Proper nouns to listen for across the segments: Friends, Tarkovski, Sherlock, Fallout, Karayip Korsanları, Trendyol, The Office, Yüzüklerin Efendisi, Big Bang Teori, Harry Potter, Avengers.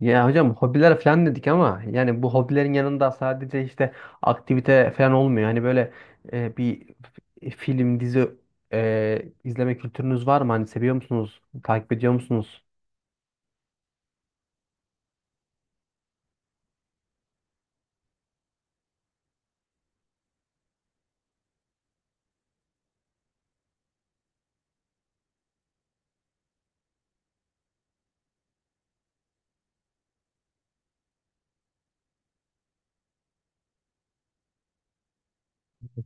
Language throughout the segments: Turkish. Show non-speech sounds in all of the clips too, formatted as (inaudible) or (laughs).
Ya hocam, hobiler falan dedik ama yani bu hobilerin yanında sadece işte aktivite falan olmuyor. Hani böyle e, bir film, dizi izleme kültürünüz var mı? Hani seviyor musunuz? Takip ediyor musunuz?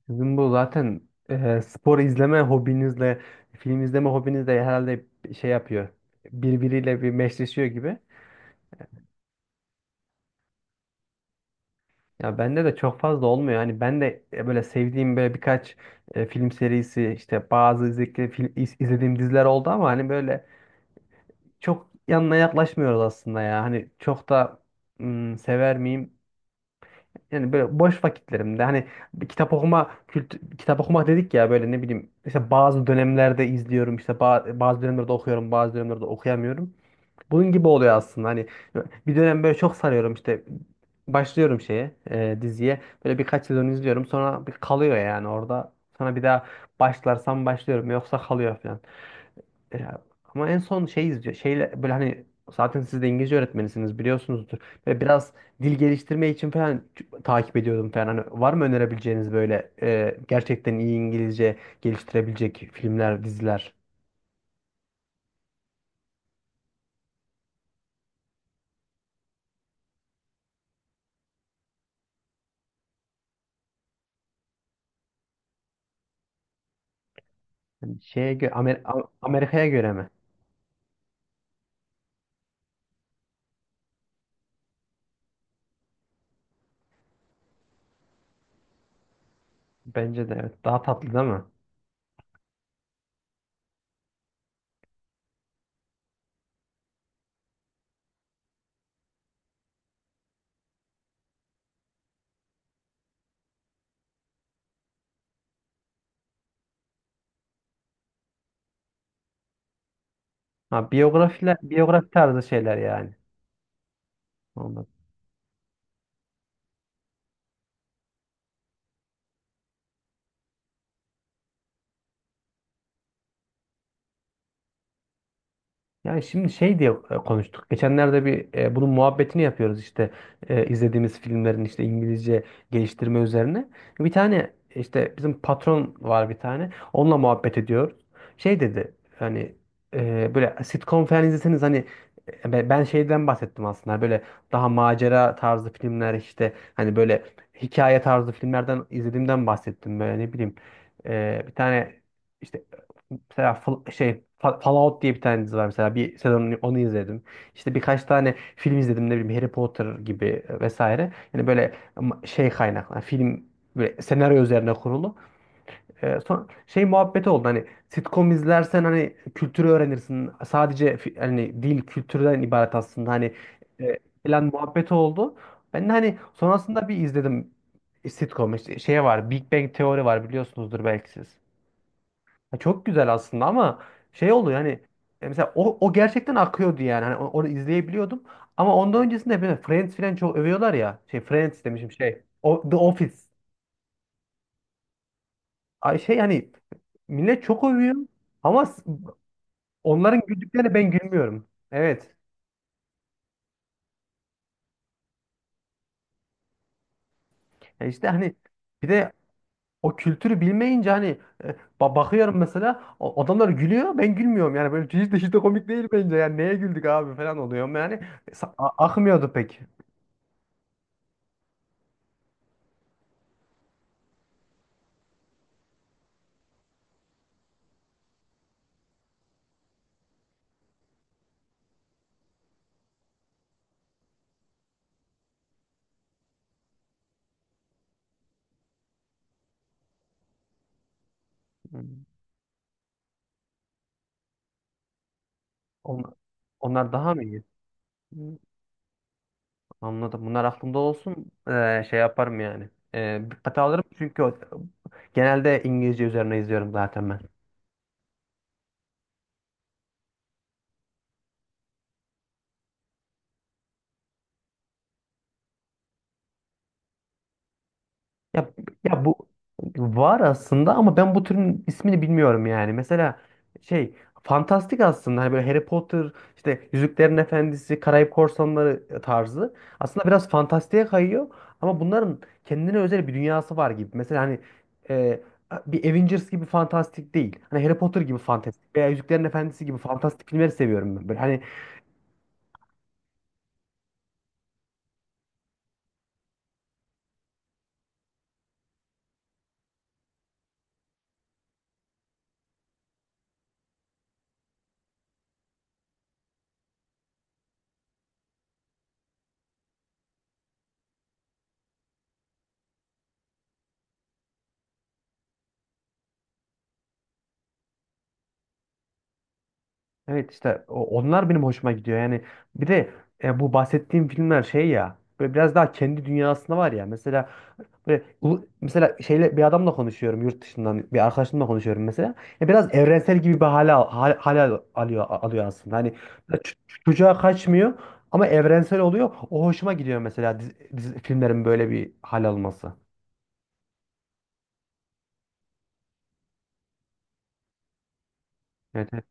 Sizin bu zaten spor izleme hobinizle, film izleme hobinizle herhalde şey yapıyor. Birbiriyle bir meşleşiyor gibi. Ya bende de çok fazla olmuyor. Hani ben de böyle sevdiğim böyle birkaç film serisi işte bazı izlediğim diziler oldu ama hani böyle çok yanına yaklaşmıyoruz aslında ya. Hani çok da sever miyim? Yani böyle boş vakitlerimde hani bir kitap okumak dedik ya böyle ne bileyim işte bazı dönemlerde izliyorum işte bazı dönemlerde okuyorum bazı dönemlerde okuyamıyorum. Bunun gibi oluyor aslında hani bir dönem böyle çok sarıyorum işte başlıyorum şeye diziye böyle birkaç sezon izliyorum sonra bir kalıyor yani orada sonra bir daha başlarsam başlıyorum yoksa kalıyor falan. E, ama en son şey izliyor. Şeyle böyle hani zaten siz de İngilizce öğretmenisiniz biliyorsunuzdur. Ve biraz dil geliştirme için falan takip ediyordum falan. Hani var mı önerebileceğiniz böyle gerçekten iyi İngilizce geliştirebilecek filmler, diziler? Hani şeye gö- Amer- A- Amerika'ya göre mi? Bence de evet. Daha tatlı değil mi? Ha, biyografiler, biyografi tarzı şeyler yani. Yani şimdi şey diye konuştuk. Geçenlerde bir bunun muhabbetini yapıyoruz işte izlediğimiz filmlerin işte İngilizce geliştirme üzerine. Bir tane işte bizim patron var bir tane. Onunla muhabbet ediyoruz. Şey dedi hani böyle sitcom falan izleseniz hani ben şeyden bahsettim aslında böyle daha macera tarzı filmler işte hani böyle hikaye tarzı filmlerden izlediğimden bahsettim böyle ne bileyim. Bir tane işte mesela Fallout diye bir tane dizi var mesela bir sezon onu izledim. İşte birkaç tane film izledim, ne bileyim, Harry Potter gibi vesaire. Yani böyle ama şey kaynaklı yani film böyle senaryo üzerine kurulu. Son şey muhabbeti oldu hani sitcom izlersen hani kültürü öğrenirsin. Sadece hani dil kültürden ibaret aslında hani e, falan muhabbeti oldu. Ben de hani sonrasında bir izledim sitcom işte şey var, Big Bang Teori var, biliyorsunuzdur belki siz. Ya çok güzel aslında ama şey oldu yani mesela o gerçekten akıyordu yani hani onu izleyebiliyordum ama ondan öncesinde hep böyle Friends falan çok övüyorlar ya, şey Friends demişim, şey o, The Office. Ay şey yani millet çok övüyor ama onların güldüklerine ben gülmüyorum, evet. Yani işte hani bir de o kültürü bilmeyince hani bakıyorum mesela adamlar gülüyor, ben gülmüyorum, yani böyle hiç de hiç de komik değil bence, yani neye güldük abi falan oluyorum yani. Akmıyordu pek. Hmm. Onlar, onlar daha mı iyi? Hmm. Anladım. Bunlar aklımda olsun. Şey yaparım yani. Dikkate alırım çünkü genelde İngilizce üzerine izliyorum zaten ben. Ya, ya, bu var aslında ama ben bu türün ismini bilmiyorum yani. Mesela şey fantastik aslında hani böyle Harry Potter, işte Yüzüklerin Efendisi, Karayip Korsanları tarzı. Aslında biraz fantastiğe kayıyor ama bunların kendine özel bir dünyası var gibi. Mesela hani e, bir Avengers gibi fantastik değil. Hani Harry Potter gibi fantastik veya Yüzüklerin Efendisi gibi fantastik filmleri seviyorum ben. Böyle hani. Evet, işte onlar benim hoşuma gidiyor. Yani bir de bu bahsettiğim filmler şey ya böyle biraz daha kendi dünyasında var ya. Mesela böyle mesela şeyle bir adamla konuşuyorum, yurt dışından bir arkadaşımla konuşuyorum mesela. Ya biraz evrensel gibi bir hale alıyor aslında. Hani ç- çocuğa kaçmıyor ama evrensel oluyor. O hoşuma gidiyor mesela filmlerin böyle bir hal alması. Evet.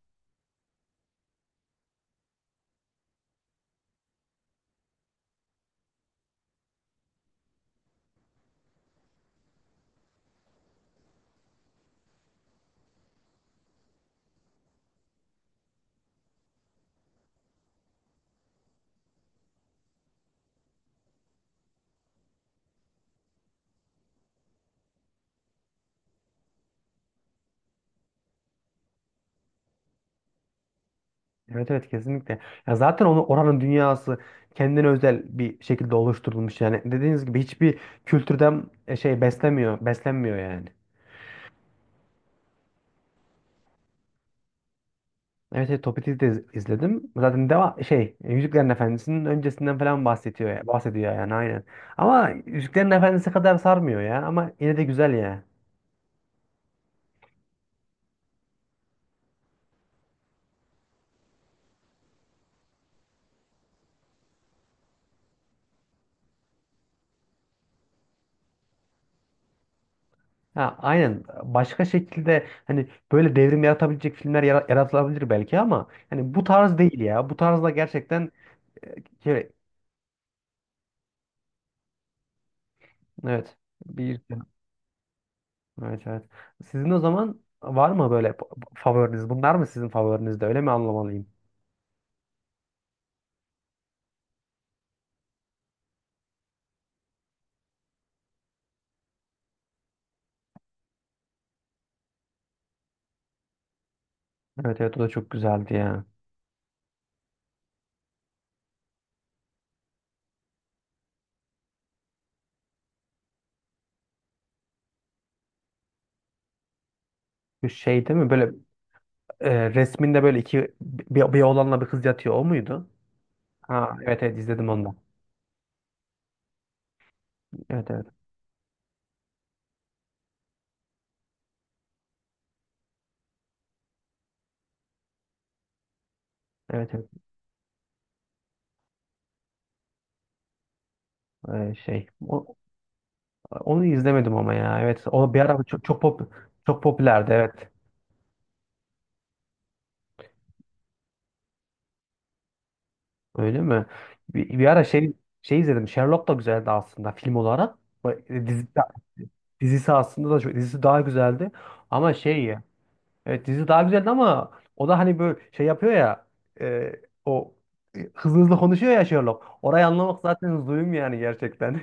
Evet, evet, kesinlikle. Ya zaten onu, oranın dünyası kendine özel bir şekilde oluşturulmuş yani. Dediğiniz gibi hiçbir kültürden şey beslenmiyor yani. Evet, evet, Topik'i de izledim. Zaten şey Yüzüklerin Efendisi'nin öncesinden falan bahsediyor ya, bahsediyor yani, aynen. Ama Yüzüklerin Efendisi kadar sarmıyor ya ama yine de güzel ya. Ha, aynen başka şekilde hani böyle devrim yaratabilecek filmler yaratılabilir belki ama hani bu tarz değil ya. Bu tarzda gerçekten şey, evet bir. Evet, evet. Sizin o zaman var mı böyle favoriniz? Bunlar mı sizin favoriniz de, öyle mi anlamalıyım? Evet, evet, o da çok güzeldi ya. Bu şey değil mi, böyle resminde böyle bir oğlanla bir kız yatıyor, o muydu? Ha, evet, evet, izledim onu da. Evet, evet. Evet, evet. Şey onu izlemedim ama ya. Evet, o bir ara çok çok popülerdi, evet. Öyle mi? Bir ara şey izledim. Sherlock da güzeldi aslında film olarak. Bu- Dizi, dizisi aslında da çok, dizisi daha güzeldi. Ama şey, evet dizi daha güzeldi ama o da hani böyle şey yapıyor ya e, o hızlı hızlı konuşuyor ya, Sherlock. Orayı anlamak zaten zulüm yani gerçekten.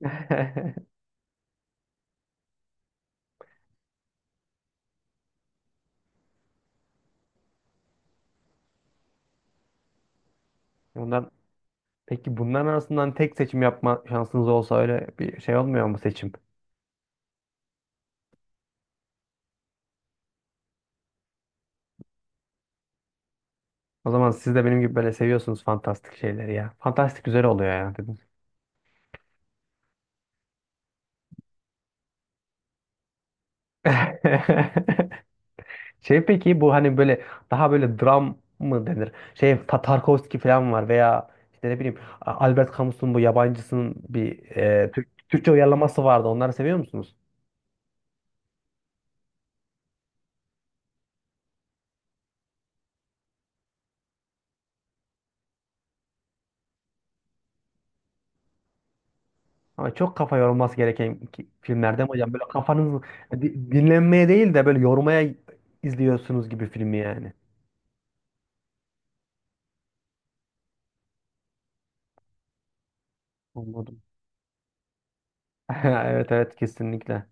(laughs) Bundan peki bunların arasından tek seçim yapma şansınız olsa, öyle bir şey olmuyor mu seçim? O zaman siz de benim gibi böyle seviyorsunuz fantastik şeyleri ya. Fantastik güzel oluyor ya, dedim. (laughs) Şey peki bu hani böyle daha böyle dram mı denir? Şey Tarkovski falan var veya işte ne bileyim Albert Camus'un bu yabancısının bir Türkçe uyarlaması vardı. Onları seviyor musunuz? Ama çok kafa yorulması gereken filmlerden hocam, böyle kafanız dinlenmeye değil de böyle yormaya izliyorsunuz gibi filmi yani. Anladım. (laughs) Evet, evet, kesinlikle.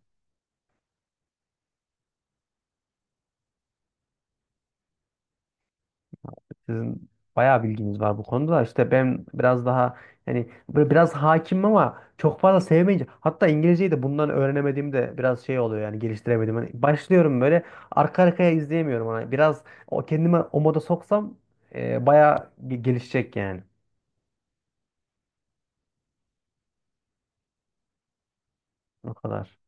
Sizin bayağı bilginiz var bu konuda da işte, ben biraz daha hani böyle biraz hakimim ama çok fazla sevmeyince, hatta İngilizceyi de bundan öğrenemediğimde biraz şey oluyor yani, geliştiremedim. Hani başlıyorum böyle, arka arkaya izleyemiyorum ona. Biraz o kendime o moda soksam, bayağı gelişecek yani. O kadar.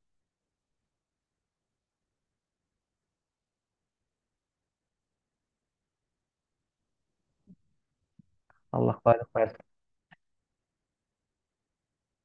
Allah kolaylık versin.